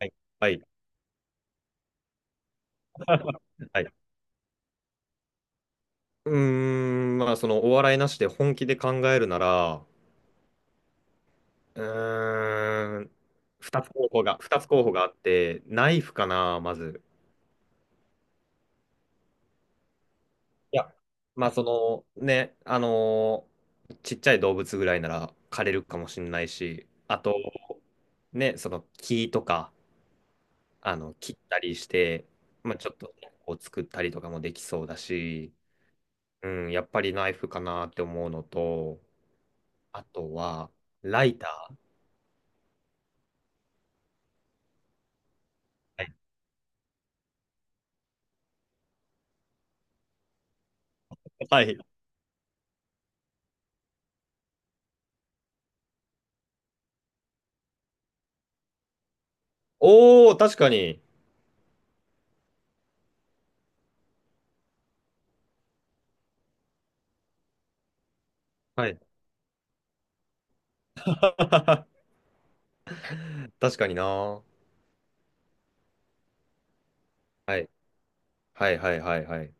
はい。はい。はい。ーまあ、お笑いなしで本気で考えるなら、うーん、二つ候補があって、ナイフかな、まず。いや、まあ、ね、ちっちゃい動物ぐらいなら枯れるかもしれないし、あと、ね、その木とか、切ったりして、まあ、ちょっとね、こう作ったりとかもできそうだし、うん、やっぱりナイフかなって思うのと、あとは、ライター。はい。おー、確かに。はい。確かにな。はい。はいはいはいはい。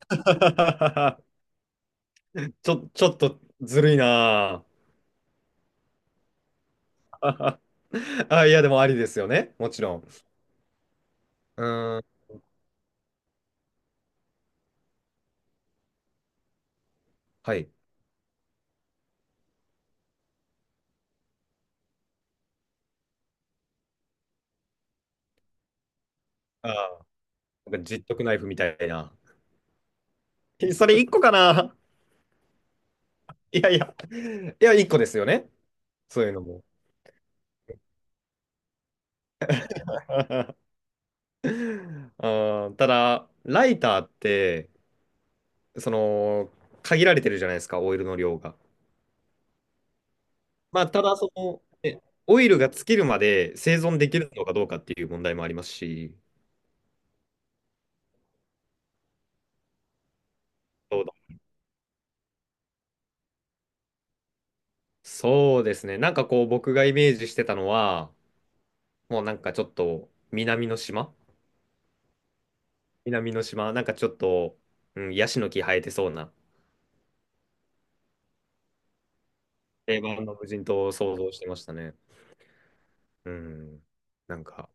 ちょっとずるいな。あ、いや、でもありですよね。もちろん。うーん。はい。あー、なんか十徳ナイフみたいな。え、それ一個かな。 いやいや。いや、一個ですよね。そういうのも。あー、ただ、ライターって、その、限られてるじゃないですか、オイルの量が。まあ、ただね、オイルが尽きるまで生存できるのかどうかっていう問題もありますし、そうだ、そうですね、なんかこう、僕がイメージしてたのは、もうなんかちょっと南の島、南の島、なんかちょっと、うん、ヤシの木生えてそうな定番の無人島を想像してましたね。うん、なんか、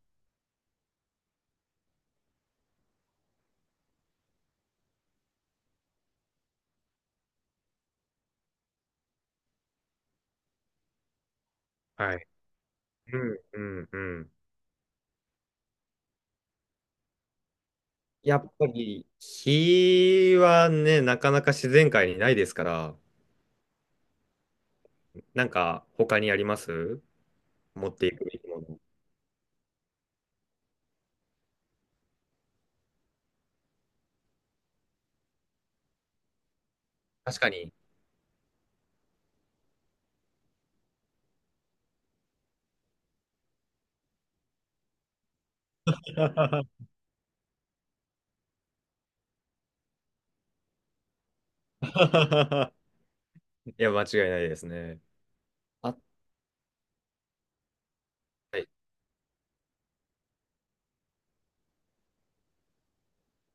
はい。うんうんうん。やっぱり火はね、なかなか自然界にないですから、なんか他にあります、持っていくべきもの？確かに。いや、間違いないですね。あ、はい。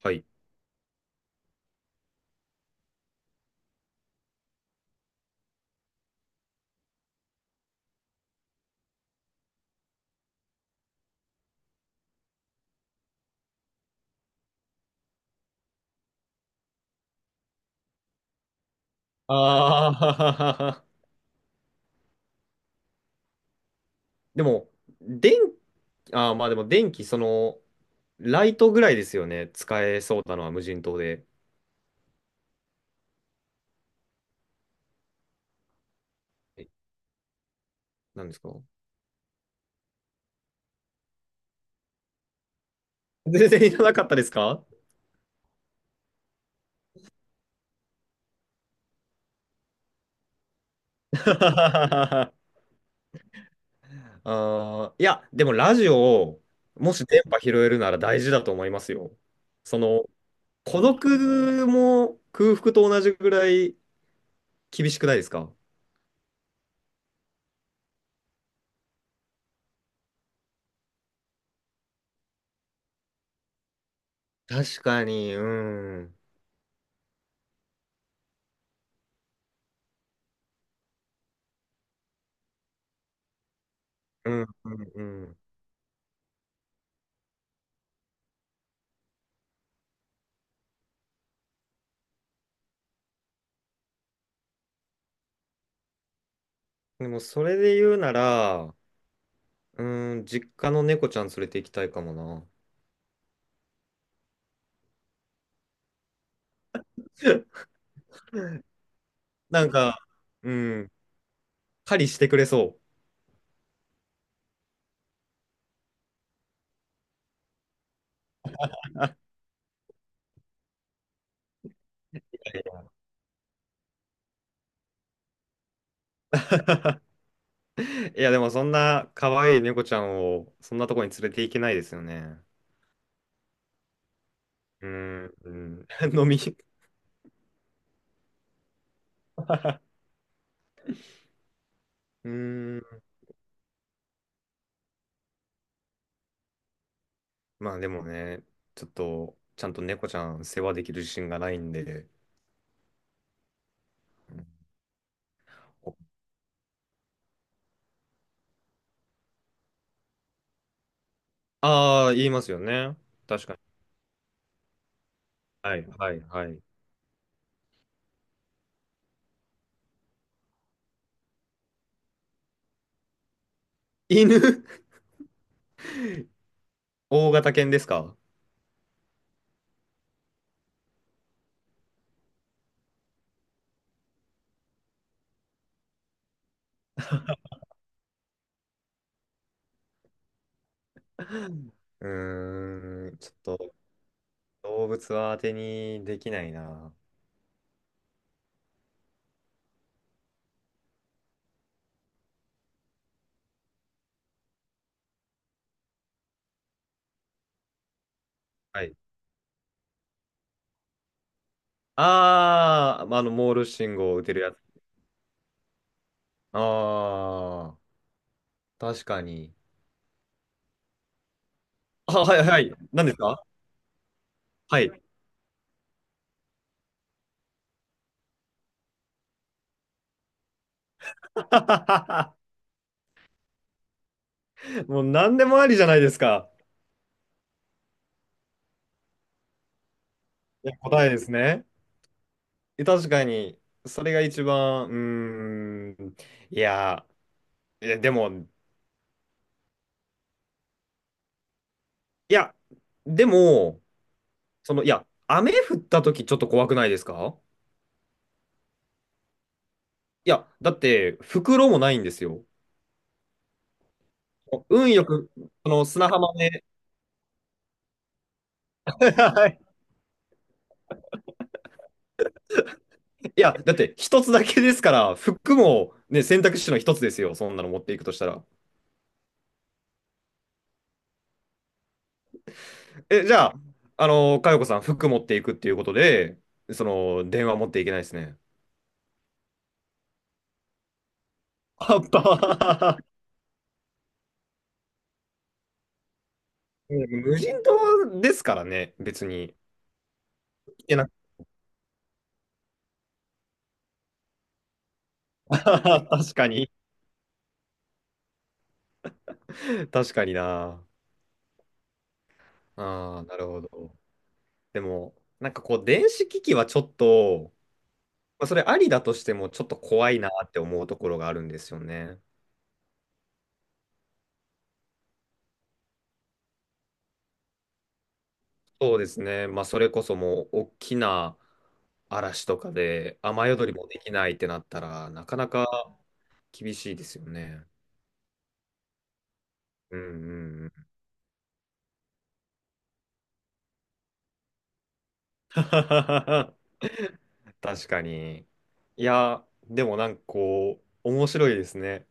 はい。ああでも、電、ああ、まあでも電気、ライトぐらいですよね。使えそうなのは無人島で。え、何ですか？全然いらなかったですか？ あー、いや、でもラジオを、もし電波拾えるなら大事だと思いますよ。その、孤独も空腹と同じぐらい厳しくないですか？確かに、うん。うん、うん、うん。でも、それで言うなら、うん、実家の猫ちゃん連れて行きたいかもな。なんか、うん、狩りしてくれそう。いや、でも、そんな可愛い猫ちゃんを、そんなとこに連れて行けないですよね。うん、うん。飲み。うん。まあ、でもね、ちょっと、ちゃんと猫ちゃん世話できる自信がないんで。ああー、言いますよね。はい、はい、はい。犬大型犬ですか？ちょっと動物は当てにできないな。はい。あー、まあの、モールス信号を打てるやつ。あー、確かに。あ、はいはい。何ですか？はい。もう何でもありじゃないですか。いや、答えですね。え、確かに、それが一番、うーん、いや、いや、でも、いや、でも、いや、雨降った時ちょっと怖くないですか？いや、だって、袋もないんですよ。運よく、砂浜で、はい。いや、だって、一つだけですから、服も、ね、選択肢の一つですよ。そんなの持っていくとしたら。え、じゃあ、あの、かよこさん、服持っていくっていうことで、電話持っていけないですね。あっぱうん、無人島ですからね、別に。いけな 確かに。確かにな。ああ、なるほど。でも、なんかこう、電子機器はちょっと、まあ、それありだとしても、ちょっと怖いなって思うところがあるんですよね。そうですね。まあ、それこそもう、大きな嵐とかで、雨宿りもできないってなったら、なかなか厳しいですよね。うんうんうん。確かに。いや、でもなんかこう、面白いですね。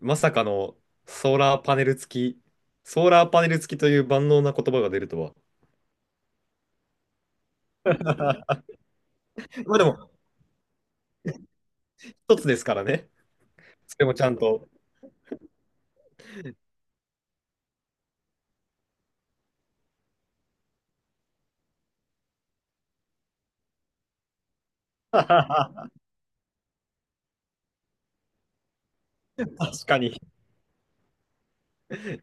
まさかのソーラーパネル付き、ソーラーパネル付きという万能な言葉が出るとは。まあでも、一つですからね。それもちゃんと。確かに。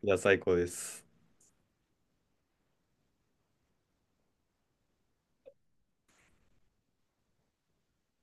いや、最高です。